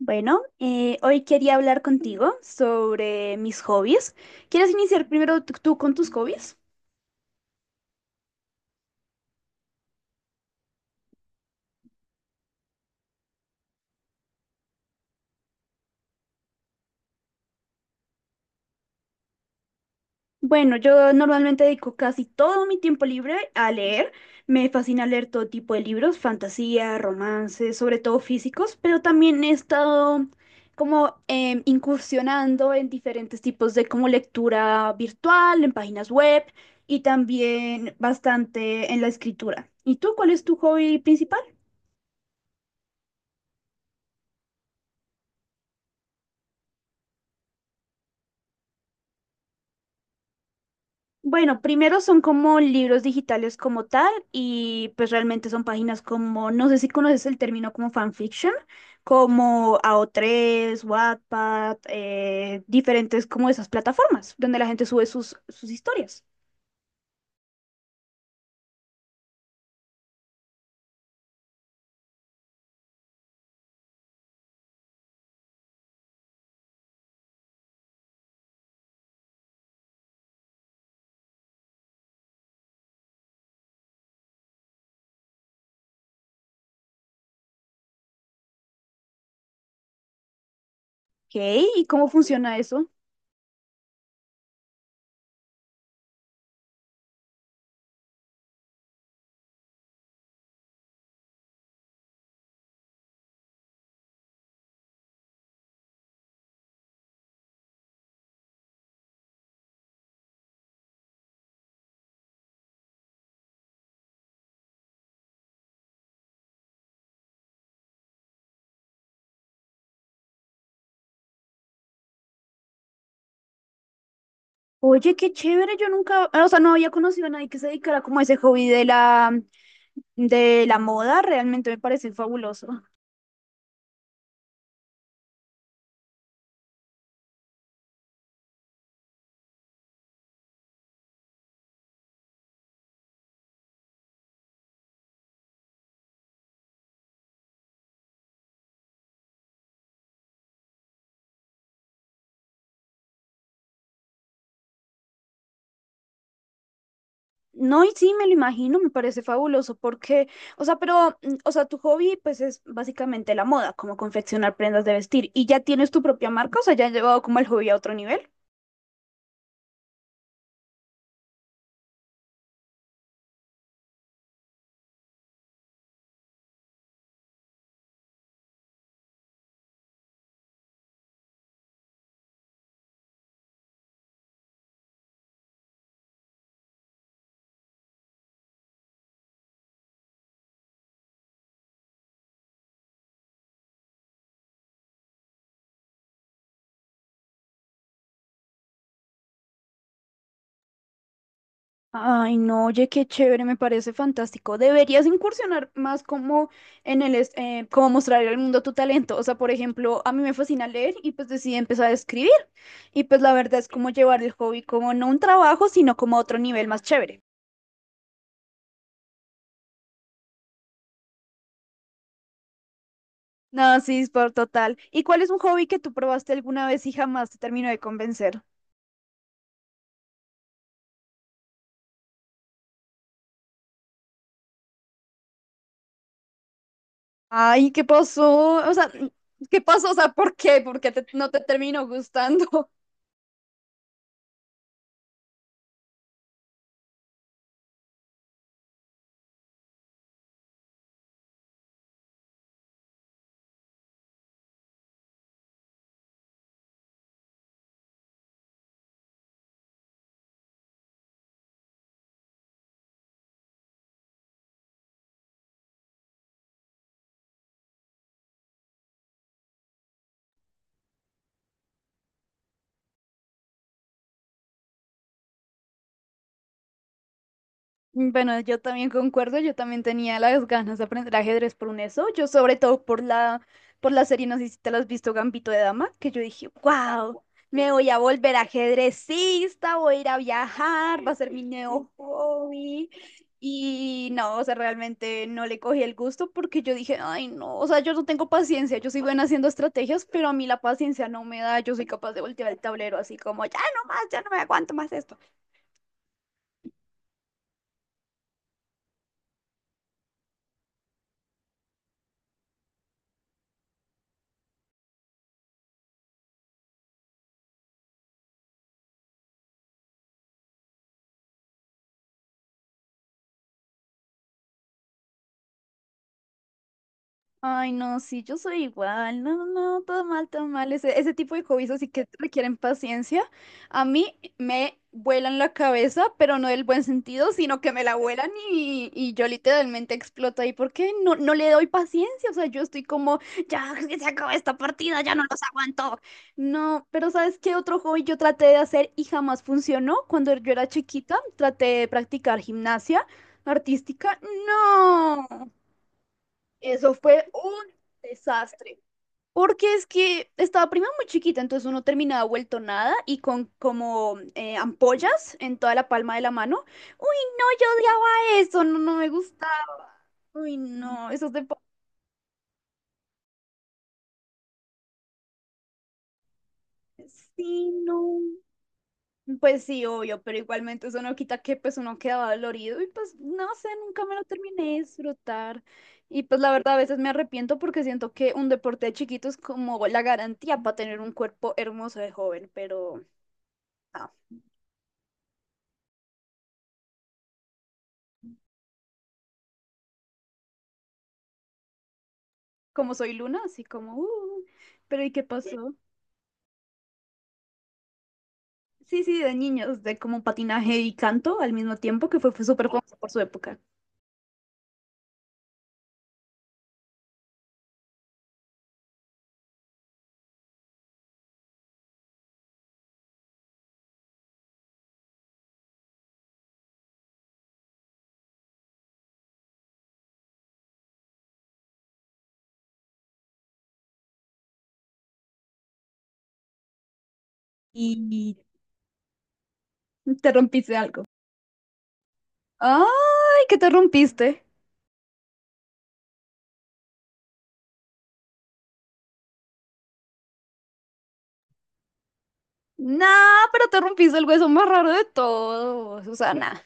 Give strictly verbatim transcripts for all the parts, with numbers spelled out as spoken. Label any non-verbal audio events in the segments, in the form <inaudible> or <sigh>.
Bueno, eh, hoy quería hablar contigo sobre mis hobbies. ¿Quieres iniciar primero tú tú con tus hobbies? Bueno, yo normalmente dedico casi todo mi tiempo libre a leer. Me fascina leer todo tipo de libros, fantasía, romances, sobre todo físicos, pero también he estado como em, incursionando en diferentes tipos de como lectura virtual, en páginas web y también bastante en la escritura. ¿Y tú cuál es tu hobby principal? Bueno, primero son como libros digitales como tal y pues realmente son páginas como, no sé si conoces el término como fanfiction, como A O tres, Wattpad, eh, diferentes como esas plataformas donde la gente sube sus, sus historias. Ok, ¿y cómo funciona eso? Oye, qué chévere, yo nunca, ah, o sea, no había conocido a nadie que se dedicara como a ese hobby de la, de la moda, realmente me parece fabuloso. No, y sí, me lo imagino, me parece fabuloso porque, o sea, pero, mm, o sea, tu hobby pues es básicamente la moda, como confeccionar prendas de vestir. ¿Y ya tienes tu propia marca? O sea, ¿ya has llevado como el hobby a otro nivel? Ay, no, oye, qué chévere, me parece fantástico. Deberías incursionar más como en el, es- eh, como mostrar al mundo tu talento. O sea, por ejemplo, a mí me fascina leer y pues decidí empezar a escribir. Y pues la verdad es como llevar el hobby como no un trabajo, sino como a otro nivel más chévere. No, sí, es por total. ¿Y cuál es un hobby que tú probaste alguna vez y jamás te terminó de convencer? Ay, ¿qué pasó? O sea, ¿qué pasó? O sea, ¿por qué? ¿Por qué te- ¿no te terminó gustando? Bueno, yo también concuerdo, yo también tenía las ganas de aprender ajedrez por un eso, yo sobre todo por la, por la serie, no sé si te la has visto, Gambito de Dama, que yo dije, wow, me voy a volver ajedrecista, voy a ir a viajar, va a ser mi nuevo hobby. Y no, o sea, realmente no le cogí el gusto porque yo dije, ay, no, o sea, yo no tengo paciencia, yo soy buena haciendo estrategias, pero a mí la paciencia no me da, yo soy capaz de voltear el tablero así como, ya no más, ya no me aguanto más esto. Ay, no, sí, yo soy igual. No, no, todo mal, todo mal. Ese, ese tipo de hobbies así que requieren paciencia. A mí me vuelan la cabeza, pero no del buen sentido, sino que me la vuelan y, y yo literalmente exploto ahí porque no, no le doy paciencia. O sea, yo estoy como, ya que se acaba esta partida, ya no los aguanto. No, pero ¿sabes qué otro hobby yo traté de hacer y jamás funcionó? Cuando yo era chiquita, traté de practicar gimnasia artística. No. Eso fue un desastre. Porque es que estaba prima muy chiquita, entonces uno terminaba vuelto nada y con como eh, ampollas en toda la palma de la mano. Uy, no, yo odiaba eso, no, no me gustaba. Uy, no, esos deportes, sí, no. Pues sí, obvio, pero igualmente eso no quita que pues uno quedaba dolorido y pues no sé, nunca me lo terminé de disfrutar. Y pues la verdad a veces me arrepiento porque siento que un deporte de chiquito es como la garantía para tener un cuerpo hermoso de joven, pero ah, como soy Luna, así como, uh, pero ¿y qué pasó? Sí, sí, de niños, de como patinaje y canto al mismo tiempo, que fue, fue súper famoso por su época. Y te rompiste algo. ¡Ay, que te rompiste! Nah, pero te rompiste el hueso más raro de todo, Susana.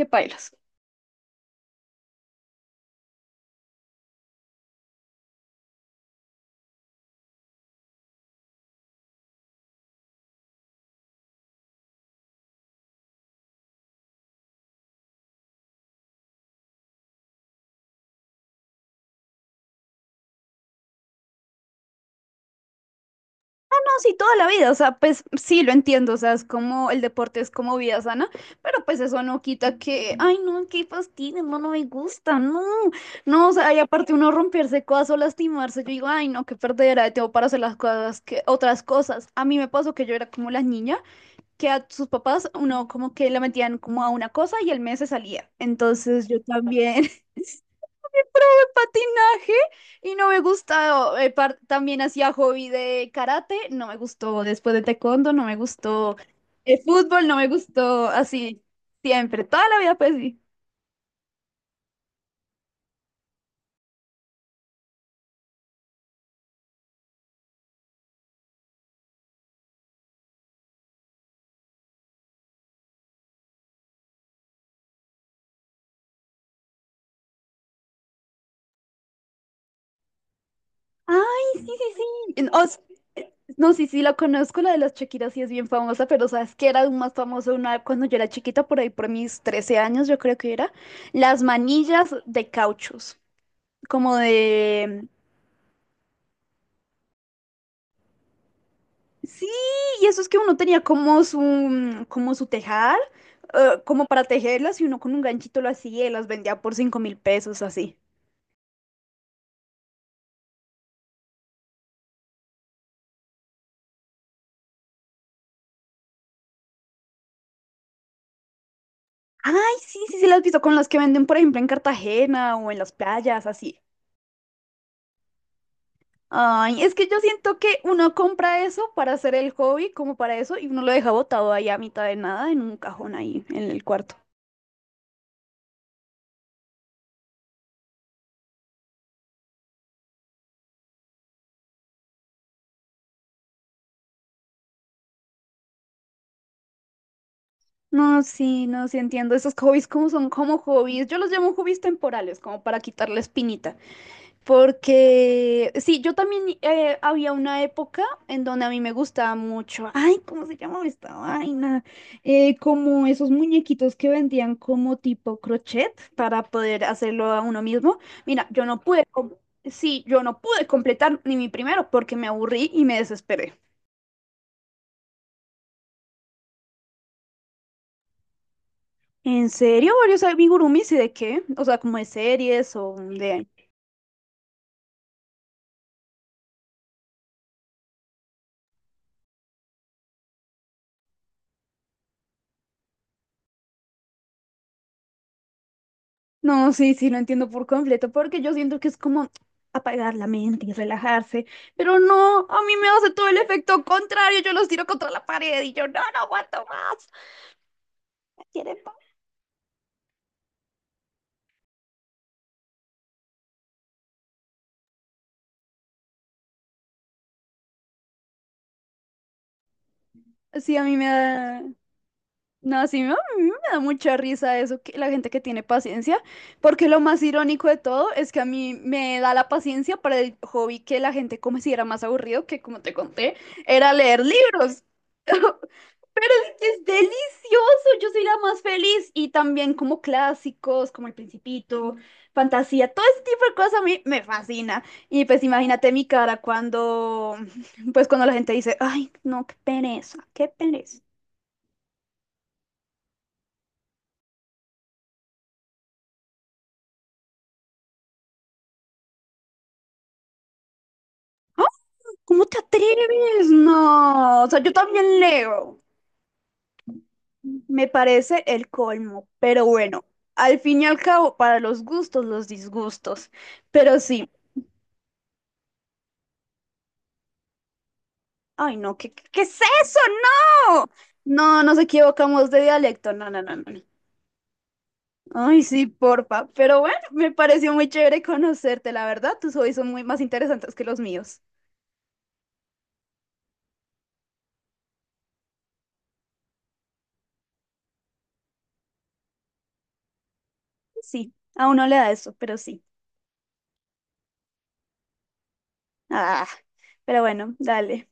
Qué pailas. Ah, no, sí, toda la vida, o sea, pues sí, lo entiendo, o sea, es como el deporte es como vida sana, pero pues eso no quita que, ay, no, qué fastidio, no, no me gusta, no, no, o sea, y aparte uno romperse cosas o lastimarse, yo digo, ay, no, qué perdera de tiempo para hacer las cosas, que otras cosas. A mí me pasó que yo era como la niña que a sus papás uno como que la metían como a una cosa y el mes se salía, entonces yo también. <laughs> Patinaje y no me gustó. Eh, par- también hacía hobby de karate, no me gustó. Después de taekwondo, no me gustó. El fútbol, no me gustó. Así, siempre, toda la vida, pues sí. Ay, sí, sí, sí. En- os- eh, No, sí, sí, la conozco, la de las Shakira sí es bien famosa, pero sabes que era aún más famoso una cuando yo era chiquita, por ahí por mis trece años, yo creo que era, las manillas de cauchos, como de sí, y eso es que uno tenía como su, como su tejar, eh, como para tejerlas, y uno con un ganchito lo hacía y las vendía por cinco mil pesos, así. Ay, sí, sí, sí, las he visto con las que venden, por ejemplo, en Cartagena o en las playas, así. Ay, es que yo siento que uno compra eso para hacer el hobby, como para eso, y uno lo deja botado ahí a mitad de nada en un cajón ahí en el cuarto. No, sí, no, sí entiendo. Esos hobbies como son como hobbies. Yo los llamo hobbies temporales, como para quitar la espinita. Porque, sí, yo también eh, había una época en donde a mí me gustaba mucho, ay, ¿cómo se llamaba esta vaina? Eh, como esos muñequitos que vendían como tipo crochet para poder hacerlo a uno mismo. Mira, yo no pude, com- sí, yo no pude completar ni mi primero porque me aburrí y me desesperé. ¿En serio? ¿Varios amigurumis y de qué? O sea, como de series o de no, sí, sí, lo entiendo por completo, porque yo siento que es como apagar la mente y relajarse, pero no, a mí me hace todo el efecto contrario, yo los tiro contra la pared y yo no, no aguanto más, ¿quieren paz? Sí, a mí me da, no, sí, me- a mí me da mucha risa eso, que la gente que tiene paciencia, porque lo más irónico de todo es que a mí me da la paciencia para el hobby que la gente considera más aburrido, que como te conté, era leer libros. <laughs> Pero es que es delicioso, yo soy la más feliz. Y también como clásicos, como El Principito, Fantasía, todo ese tipo de cosas a mí me fascina. Y pues imagínate mi cara cuando, <laughs> pues cuando la gente dice, ay, no, qué pereza, qué pereza. ¿Cómo te atreves? No, o sea, yo también leo. Me parece el colmo, pero bueno, al fin y al cabo, para los gustos, los disgustos. Pero sí, ay no, ¿qué, qué es eso? No, no, nos equivocamos de dialecto, no, no, no, no. no. Ay, sí, porfa, pero bueno, me pareció muy chévere conocerte, la verdad, tus hobbies son muy más interesantes que los míos. Sí, a uno le da eso, pero sí. Ah, pero bueno, dale.